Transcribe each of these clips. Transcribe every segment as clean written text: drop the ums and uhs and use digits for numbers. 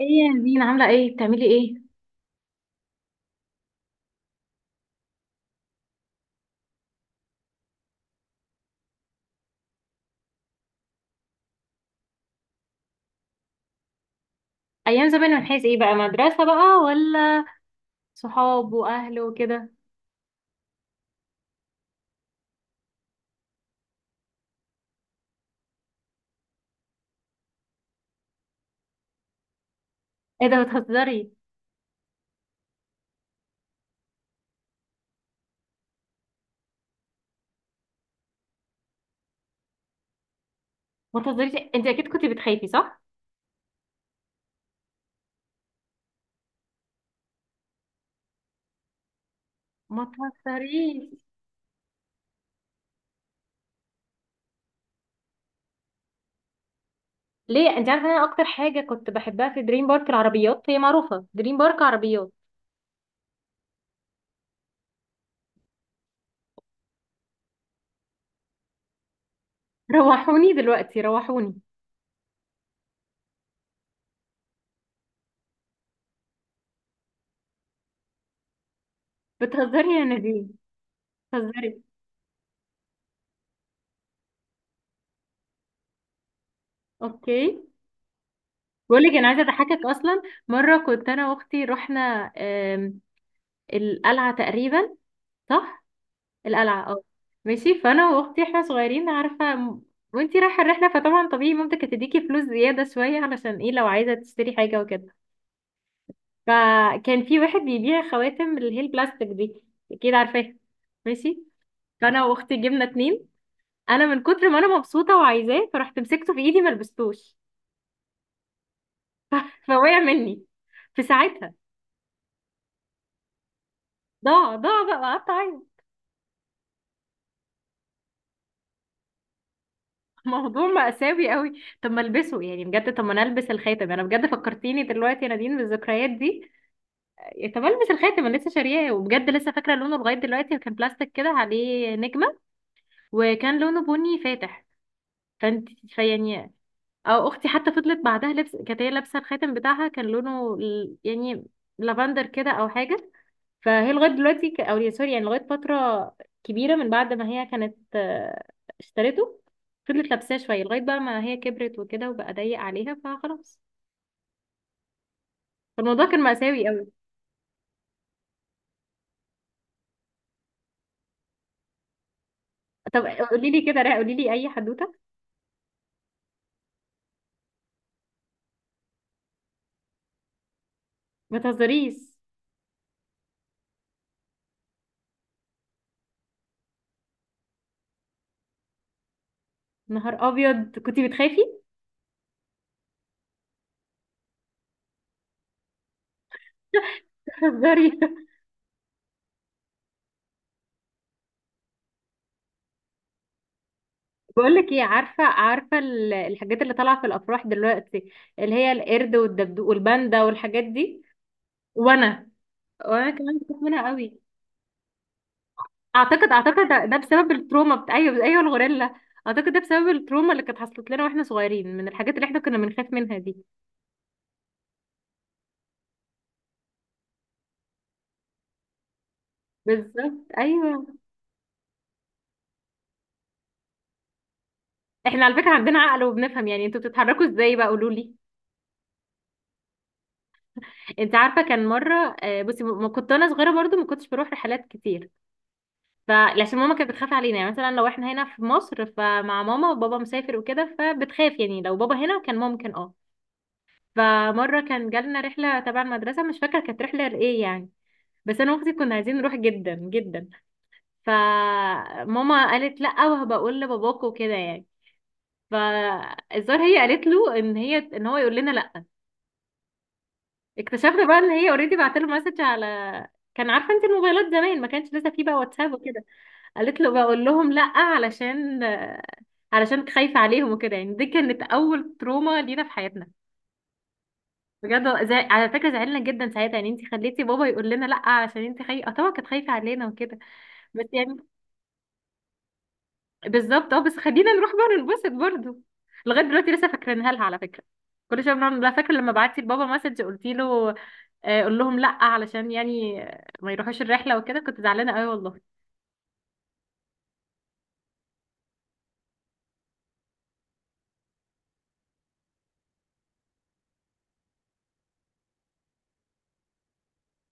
ايه يا نزين، عاملة ايه؟ بتعملي ايه؟ ايام زمان من حيث ايه بقى؟ مدرسة بقى ولا صحاب واهل وكده؟ ايه ده، بتهزري؟ ما تهزريش، انت اكيد كنت بتخافي، صح؟ ما تهزريش. ليه؟ انت عارفة انا اكتر حاجة كنت بحبها في دريم بارك؟ العربيات. هي معروفة دريم بارك عربيات. روحوني دلوقتي، روحوني. بتهزري يا نزين. بتهزري. اوكي، بقول لك انا عايزة اضحكك اصلا. مرة كنت انا واختي رحنا القلعة تقريبا. صح؟ القلعة، اه. ماشي. فانا واختي احنا صغيرين، عارفة، وانتي رايحة الرحلة فطبعا طبيعي مامتك هتديكي فلوس زيادة شوية، علشان ايه؟ لو عايزة تشتري حاجة وكده. فكان في واحد بيبيع خواتم، اللي هي البلاستيك دي. اكيد عارفاها. ماشي. فانا واختي جبنا اتنين. انا من كتر ما انا مبسوطة وعايزاه، فرحت مسكته في ايدي، ملبستوش. فوقع مني في ساعتها. ضاع، ضاع بقى، قعدت اعيط. موضوع مأساوي قوي. طب ما البسه يعني، بجد. طب ما انا البس الخاتم انا، بجد فكرتيني دلوقتي يا نادين بالذكريات دي. إيه، طب البس الخاتم انا، لسه شارياه. وبجد لسه فاكره لونه لغايه دلوقتي، كان بلاستيك كده عليه نجمه. وكان لونه بني فاتح. فانت فيعني او اختي حتى فضلت بعدها لبس، كانت هي لابسه الخاتم بتاعها، كان لونه يعني لافندر كده او حاجه. فهي لغايه دلوقتي ك- او يا سوري، يعني لغايه فتره كبيره من بعد ما هي كانت اشترته، فضلت لابساه شويه لغايه بقى ما هي كبرت وكده وبقى ضيق عليها فخلاص. الموضوع كان مأساوي قوي. طب قولي لي كده رايق، قولي لي اي حدوته. ما تهزريش. نهار ابيض، كنتي بتخافي. بتهزري. بقول لك ايه، عارفه الحاجات اللي طالعه في الافراح دلوقتي، اللي هي القرد والدبدوب والباندا والحاجات دي. وانا وانا كمان بخاف منها قوي. اعتقد ده بسبب التروما بتاع، ايوه ايوه، الغوريلا. اعتقد ده بسبب التروما اللي كانت حصلت لنا واحنا صغيرين، من الحاجات اللي احنا كنا بنخاف منها دي. بالظبط، ايوه. احنا على فكره عندنا عقل وبنفهم، يعني انتوا بتتحركوا ازاي بقى؟ قولوا لي. انت عارفه كان مره بصي، ما كنت انا صغيره برضو ما كنتش بروح رحلات كتير. فعشان ماما كانت بتخاف علينا، يعني مثلا لو احنا هنا في مصر فمع ماما وبابا مسافر وكده فبتخاف. يعني لو بابا هنا كان ممكن، اه. فمرة كان جالنا رحلة تبع المدرسة، مش فاكرة كانت رحلة لإيه يعني. بس أنا وأختي كنا عايزين نروح جدا جدا. فماما قالت لأ وهبقول لباباكوا وكده يعني. فالظاهر هي قالت له ان هي، ان هو يقول لنا لا. اكتشفنا بقى ان هي اوريدي بعت له مسج على، كان عارفه انت، الموبايلات زمان ما كانش لسه فيه بقى واتساب وكده. قالت له بقول لهم لا علشان، علشان خايفه عليهم وكده يعني. دي كانت اول تروما لينا في حياتنا، بجد. على فكره زعلنا جدا ساعتها، يعني انت خليتي بابا يقول لنا لا علشان انت خايفه. اه طبعا كانت خايفه علينا وكده، بس يعني بالظبط، اه. بس خلينا نروح بقى ننبسط برضه. لغايه دلوقتي لسه فاكرينها لها على فكره، كل شويه بنعمل لها فاكره لما بعتي لبابا مسج قلتي له قول لهم لا علشان يعني ما يروحوش الرحله وكده. كنت زعلانه قوي، والله.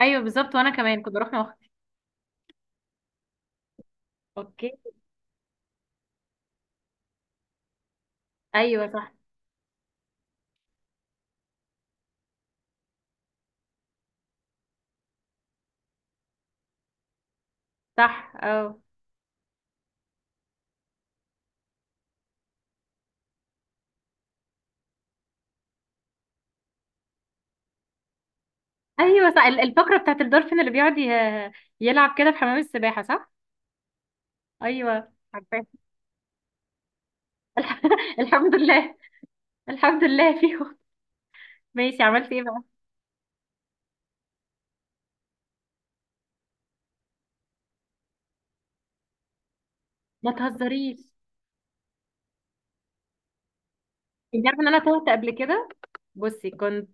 ايوه بالظبط، وانا كمان كنت بروح مع اختي. اوكي. ايوه، صح. صح، اه. ايوه صح، الفقره بتاعت الدولفين اللي بيقعد يلعب كده في حمام السباحه، صح؟ ايوه عارفاه. الحمد لله. الحمد لله فيهم. ماشي، عملت ايه بقى؟ ما تهزريش. انت عارفه ان انا تهت قبل كده؟ بصي كنت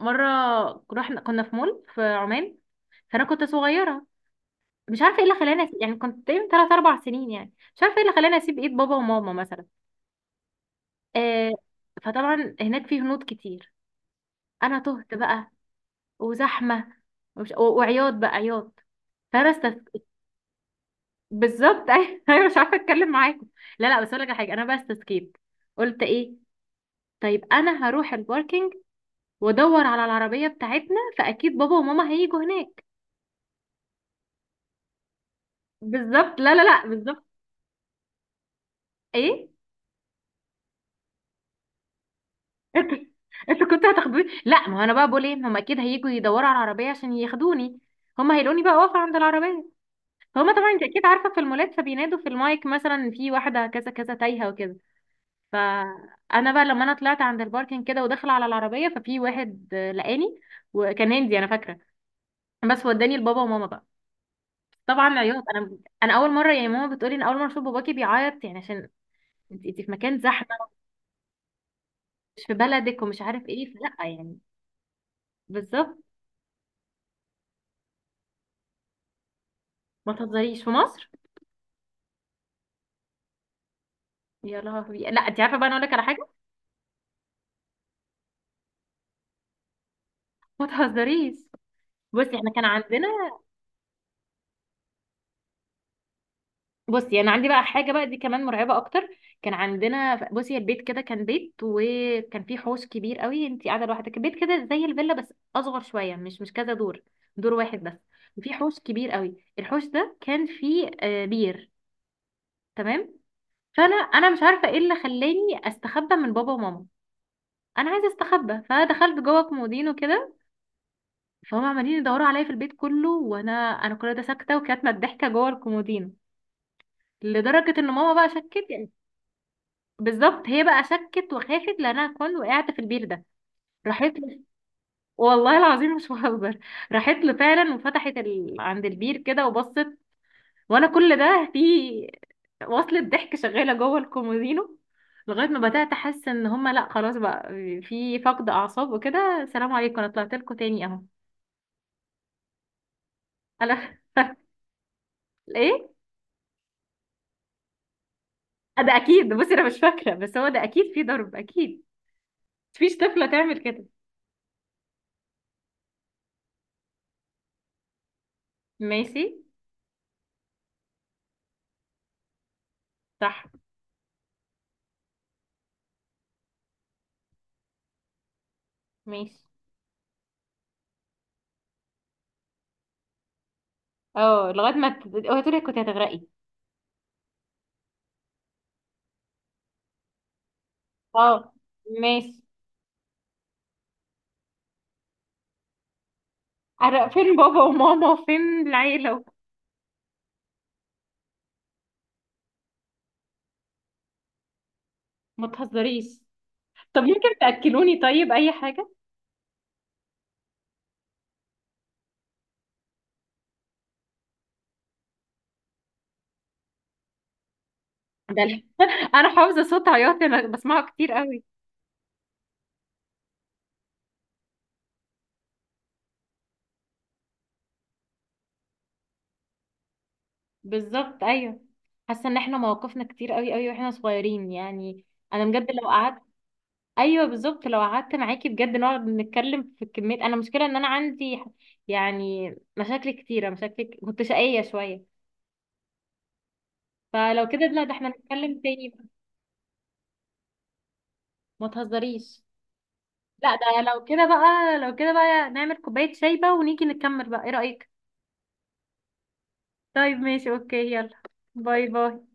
مره رحنا، كنا في مول في عمان. فانا كنت صغيره، مش عارفه ايه اللي خلاني أسيب، يعني كنت تقريبا ثلاث اربع سنين، يعني مش عارفه ايه اللي خلاني اسيب ايد بابا وماما مثلا. آه. فطبعا هناك في هنود كتير، انا تهت بقى، وزحمه، وعياط بقى، عياط. فانا استف... بالظبط. ايوه، مش عارفه اتكلم معاكم. لا لا، بس اقول لك على حاجه. انا بقى استسكيت، قلت ايه؟ طيب انا هروح الباركينج وادور على العربيه بتاعتنا، فاكيد بابا وماما هيجوا هناك. بالظبط، لا لا لا، بالظبط. ايه؟ انت انت كنت هتاخدوني؟ لا، ما هو انا بقى بقول ايه، ما هم اكيد هيجوا يدوروا على العربيه عشان ياخدوني، هم هيلاقوني بقى واقفه عند العربيه. فهم طبعا، انت اكيد عارفه في المولات فبينادوا في المايك، مثلا في واحده كذا كذا تايهه وكده. فانا بقى لما انا طلعت عند الباركنج كده وداخله على العربيه، ففي واحد لقاني. وكان هندي انا فاكره، بس وداني لبابا وماما بقى. طبعا عياط. انا اول مره، يعني ماما بتقولي ان اول مره اشوف باباكي بيعيط يعني، عشان انت في مكان زحمه، مش في بلدك ومش عارف ايه، فلا يعني. بالظبط. ما تهزريش، في مصر. يا لهوي. لا، انت عارفه بقى، انا اقول لك على حاجه. ما تهزريش. بصي احنا كان عندنا بصي انا عندي بقى حاجه بقى، دي كمان مرعبه اكتر. كان عندنا، بصي البيت كده كان بيت وكان فيه حوش كبير قوي. انت قاعده لوحدك، البيت كده زي الفيلا بس اصغر شويه، مش كذا دور، دور واحد بس. وفيه حوش كبير قوي، الحوش ده كان فيه بير. تمام؟ فانا، مش عارفه ايه اللي خلاني استخبى من بابا وماما. انا عايزه استخبى، فدخلت جوه كومودينو كده. فهم عمالين يدوروا عليا في البيت كله، انا كل ده ساكته وكانت متضحكه جوه الكومودينو. لدرجه ان ماما بقى شكت. بالظبط. هي بقى شكت وخافت لانها كون وقعت في البير ده. راحت له، والله العظيم مش بهزر، راحت له فعلا وفتحت عند البير كده وبصت. وانا كل ده في وصلة ضحك شغالة جوه الكومودينو. لغاية ما بدأت أحس إن هما لأ، خلاص بقى في فقد أعصاب وكده، سلام عليكم، أنا طلعت لكم تاني أهو. أنا. إيه؟ ده أكيد، بصي أنا مش فاكرة، بس هو ده أكيد في ضرب، أكيد. مفيش طفلة تعمل كده. ماشي. صح. ماشي، اه. لغايه ما اوعي تقولي كنت هتغرقي. اه. ماشي. فين بابا وماما وفين العيله؟ ما تهزريش. طب ممكن تاكلوني، طيب اي حاجه. ده انا حافظه صوت عياط، انا بسمعه كتير قوي. بالظبط، ايوه. حاسه ان احنا مواقفنا كتير قوي قوي واحنا صغيرين يعني. انا بجد لو قعدت ايوه بالظبط. لو قعدت معاكي بجد نقعد نتكلم في كميه. انا مشكله ان انا عندي يعني مشاكل كتيره، مشاكل. كنت شقيه شويه. فلو كده، لا ده احنا نتكلم تاني. ما تهزريش. لا ده لو كده بقى، لو كده بقى نعمل كوباية شاي بقى ونيجي نكمل بقى، ايه رأيك؟ طيب ماشي، اوكي، يلا. باي باي.